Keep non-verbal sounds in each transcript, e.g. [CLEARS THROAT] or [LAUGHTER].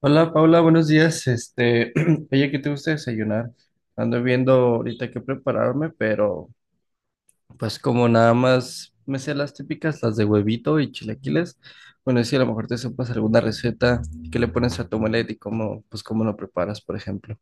Hola Paula, buenos días. [CLEARS THROAT] Oye, ¿qué te gusta desayunar? Ando viendo ahorita qué prepararme, pero pues como nada más me sé las típicas, las de huevito y chilaquiles, bueno, si a lo mejor te sepas alguna receta que le pones a tu omelette y cómo lo preparas, por ejemplo.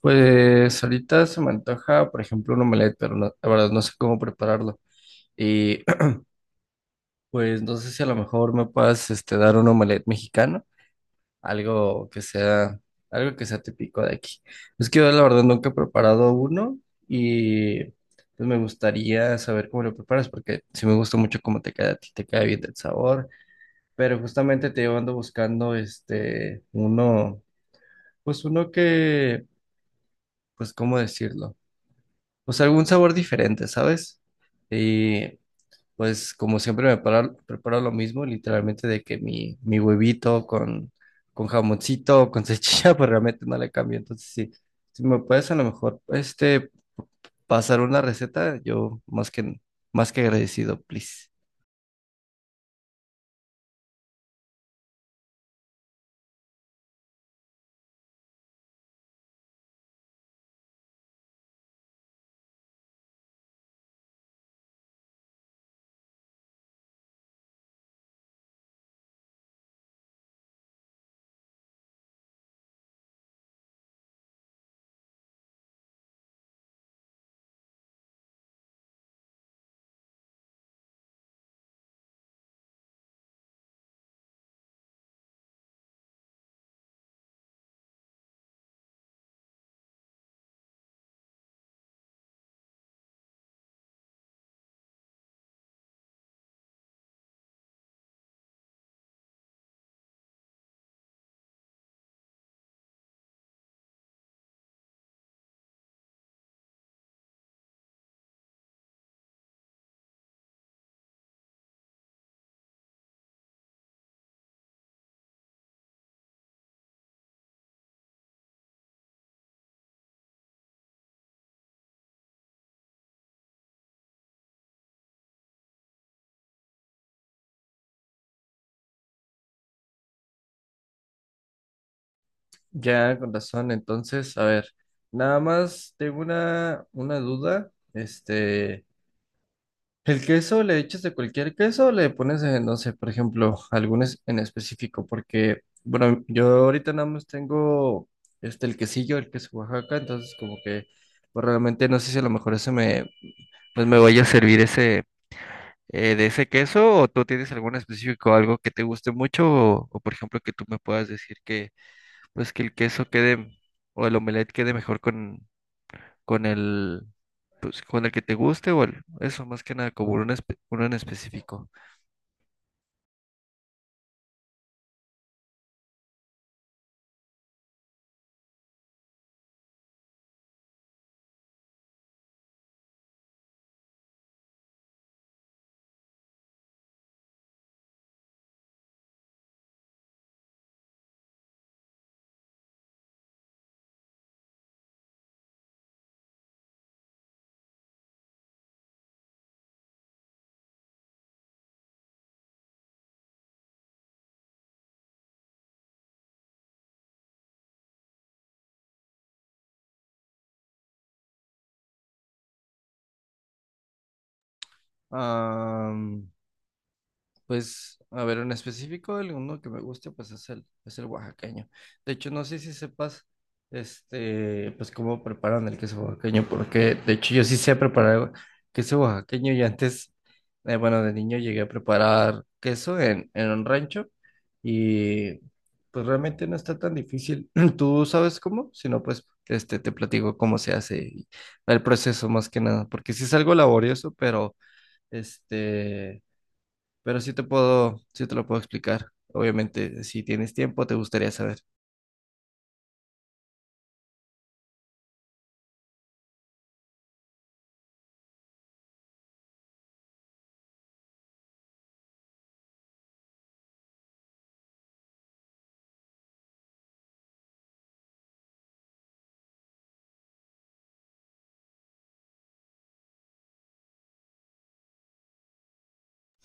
Pues ahorita se me antoja, por ejemplo, un omelette, pero la verdad no sé cómo prepararlo. Y [CLEARS THROAT] pues no sé si a lo mejor me puedas dar un omelette mexicano, algo que sea, algo que sea típico de aquí. Es que yo la verdad nunca he preparado uno y pues me gustaría saber cómo lo preparas porque sí me gusta mucho cómo te queda a ti, te queda bien el sabor, pero justamente te digo, ando buscando uno, pues uno que, pues cómo decirlo, pues algún sabor diferente, ¿sabes? Y pues como siempre preparo lo mismo, literalmente de que mi huevito con jamoncito, con cechilla, [LAUGHS] pues realmente no le cambio. Entonces, sí, si me puedes a lo mejor pasar una receta, yo más que agradecido, please. Ya, con razón. Entonces, a ver, nada más tengo una duda. El queso le echas de cualquier queso, le pones, no sé, por ejemplo, algunos en específico, porque, bueno, yo ahorita nada más tengo el quesillo, el queso Oaxaca, entonces como que, pues realmente no sé si a lo mejor ese me, pues me vaya a servir ese, de ese queso, o tú tienes algún específico, algo que te guste mucho, o, por ejemplo que tú me puedas decir que, pues que el queso quede, o el omelette quede mejor con el, pues con el que te guste, o eso, más que nada, como uno en específico. Am, pues, a ver, en específico, el uno que me gusta, pues es el oaxaqueño. De hecho, no sé si sepas, pues cómo preparan el queso oaxaqueño, porque de hecho yo sí sé preparar queso oaxaqueño y antes, bueno, de niño llegué a preparar queso en un rancho y pues realmente no está tan difícil. [CLEARS THROAT] ¿Tú sabes cómo? Si no, pues, te platico cómo se hace y el proceso más que nada, porque sí es algo laborioso, pero... Este, pero sí te lo puedo explicar. Obviamente, si tienes tiempo, te gustaría saber.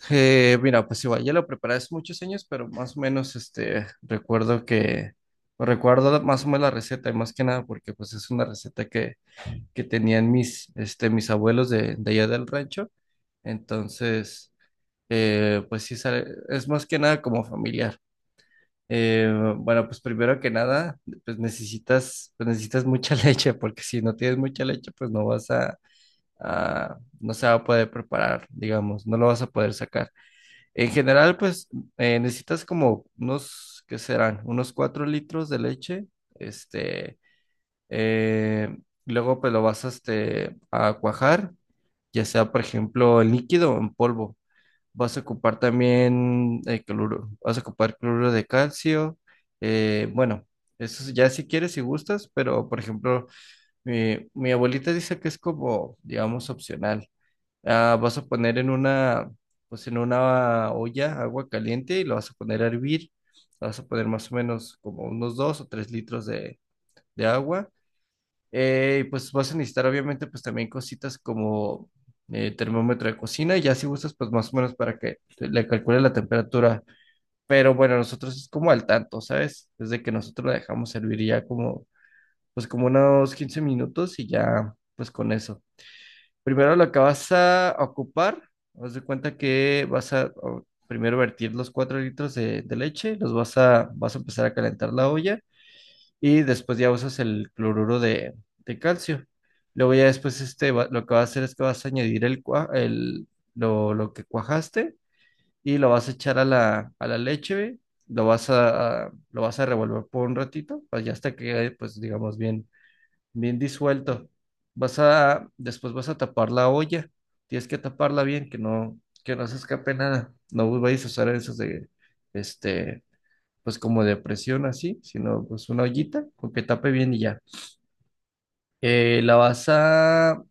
Mira, pues igual, ya lo preparé hace muchos años, pero más o menos, recuerdo más o menos la receta, y más que nada porque, pues, es una receta que tenían mis abuelos de allá del rancho. Entonces, pues sí, es más que nada como familiar. Eh, bueno, pues primero que nada, pues necesitas mucha [LAUGHS] leche, porque si no tienes mucha leche, pues no vas no se va a poder preparar, digamos, no lo vas a poder sacar. En general, pues necesitas como unos, ¿qué serán? Unos 4 litros de leche, este, eh, luego pues lo vas a, a cuajar, ya sea, por ejemplo, en líquido o en polvo. Vas a ocupar también cloruro, vas a ocupar cloruro de calcio. Bueno, eso es ya si quieres, y gustas, pero por ejemplo, mi abuelita dice que es como, digamos, opcional. Vas a poner en una olla agua caliente y lo vas a poner a hervir. Vas a poner más o menos como unos 2 o 3 litros de agua, y pues vas a necesitar obviamente pues también cositas como termómetro de cocina y ya si gustas pues más o menos para que le calcule la temperatura. Pero bueno, nosotros es como al tanto, ¿sabes? Desde que nosotros la dejamos hervir ya como pues como unos 15 minutos y ya pues con eso. Primero lo que vas a ocupar, haz de cuenta que vas a primero vertir los 4 litros de leche, los vas a empezar a calentar la olla y después ya usas el cloruro de calcio. Luego ya después lo que vas a hacer es que vas a añadir el, cua- el, lo que cuajaste y lo vas a echar a la leche, güey. Lo vas a revolver por un ratito, pues ya hasta que quede, pues digamos, bien, bien disuelto. Después vas a tapar la olla. Tienes que taparla bien, que no se escape nada. No vayas a usar esos este, pues como de presión así, sino pues una ollita con que tape bien y ya. Eh, la vas a,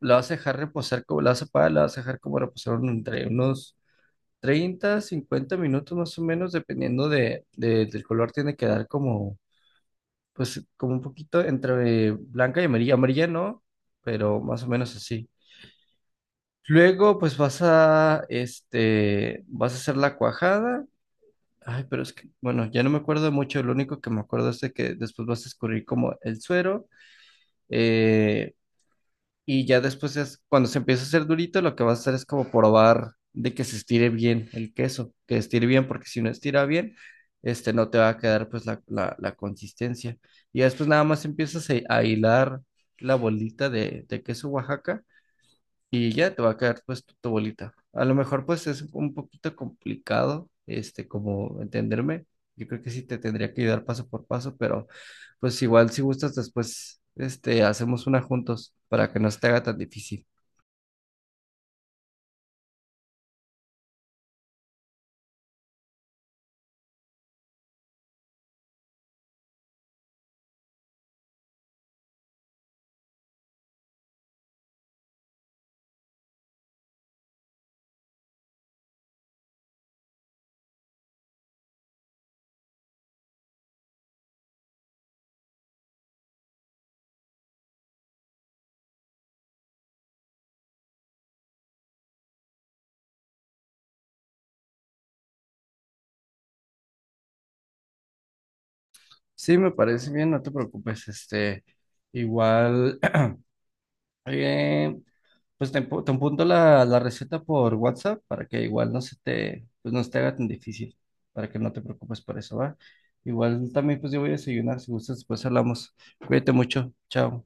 la vas a dejar reposar, como, la vas a apagar, la vas a dejar como reposar entre unos 30, 50 minutos más o menos, dependiendo del color, tiene que dar como, pues como un poquito entre blanca y amarilla, amarilla no, pero más o menos así. Luego, pues vas a hacer la cuajada. Ay, pero es que, bueno, ya no me acuerdo mucho, lo único que me acuerdo es de que después vas a escurrir como el suero, eh, y ya después cuando se empieza a hacer durito, lo que vas a hacer es como probar de que se estire bien el queso, que estire bien, porque si no estira bien, no te va a quedar pues la consistencia. Y ya después nada más empiezas a hilar la bolita de queso Oaxaca y ya te va a caer pues tu bolita. A lo mejor pues es un poquito complicado, como entenderme. Yo creo que sí te tendría que ayudar paso por paso, pero pues igual si gustas después, hacemos una juntos para que no se te haga tan difícil. Sí, me parece bien, no te preocupes, igual, [CLEARS THROAT] eh, pues te apunto la receta por WhatsApp para que igual no se te haga tan difícil, para que no te preocupes por eso, ¿va? Igual también pues yo voy a desayunar, si gustas, después hablamos. Cuídate mucho, chao.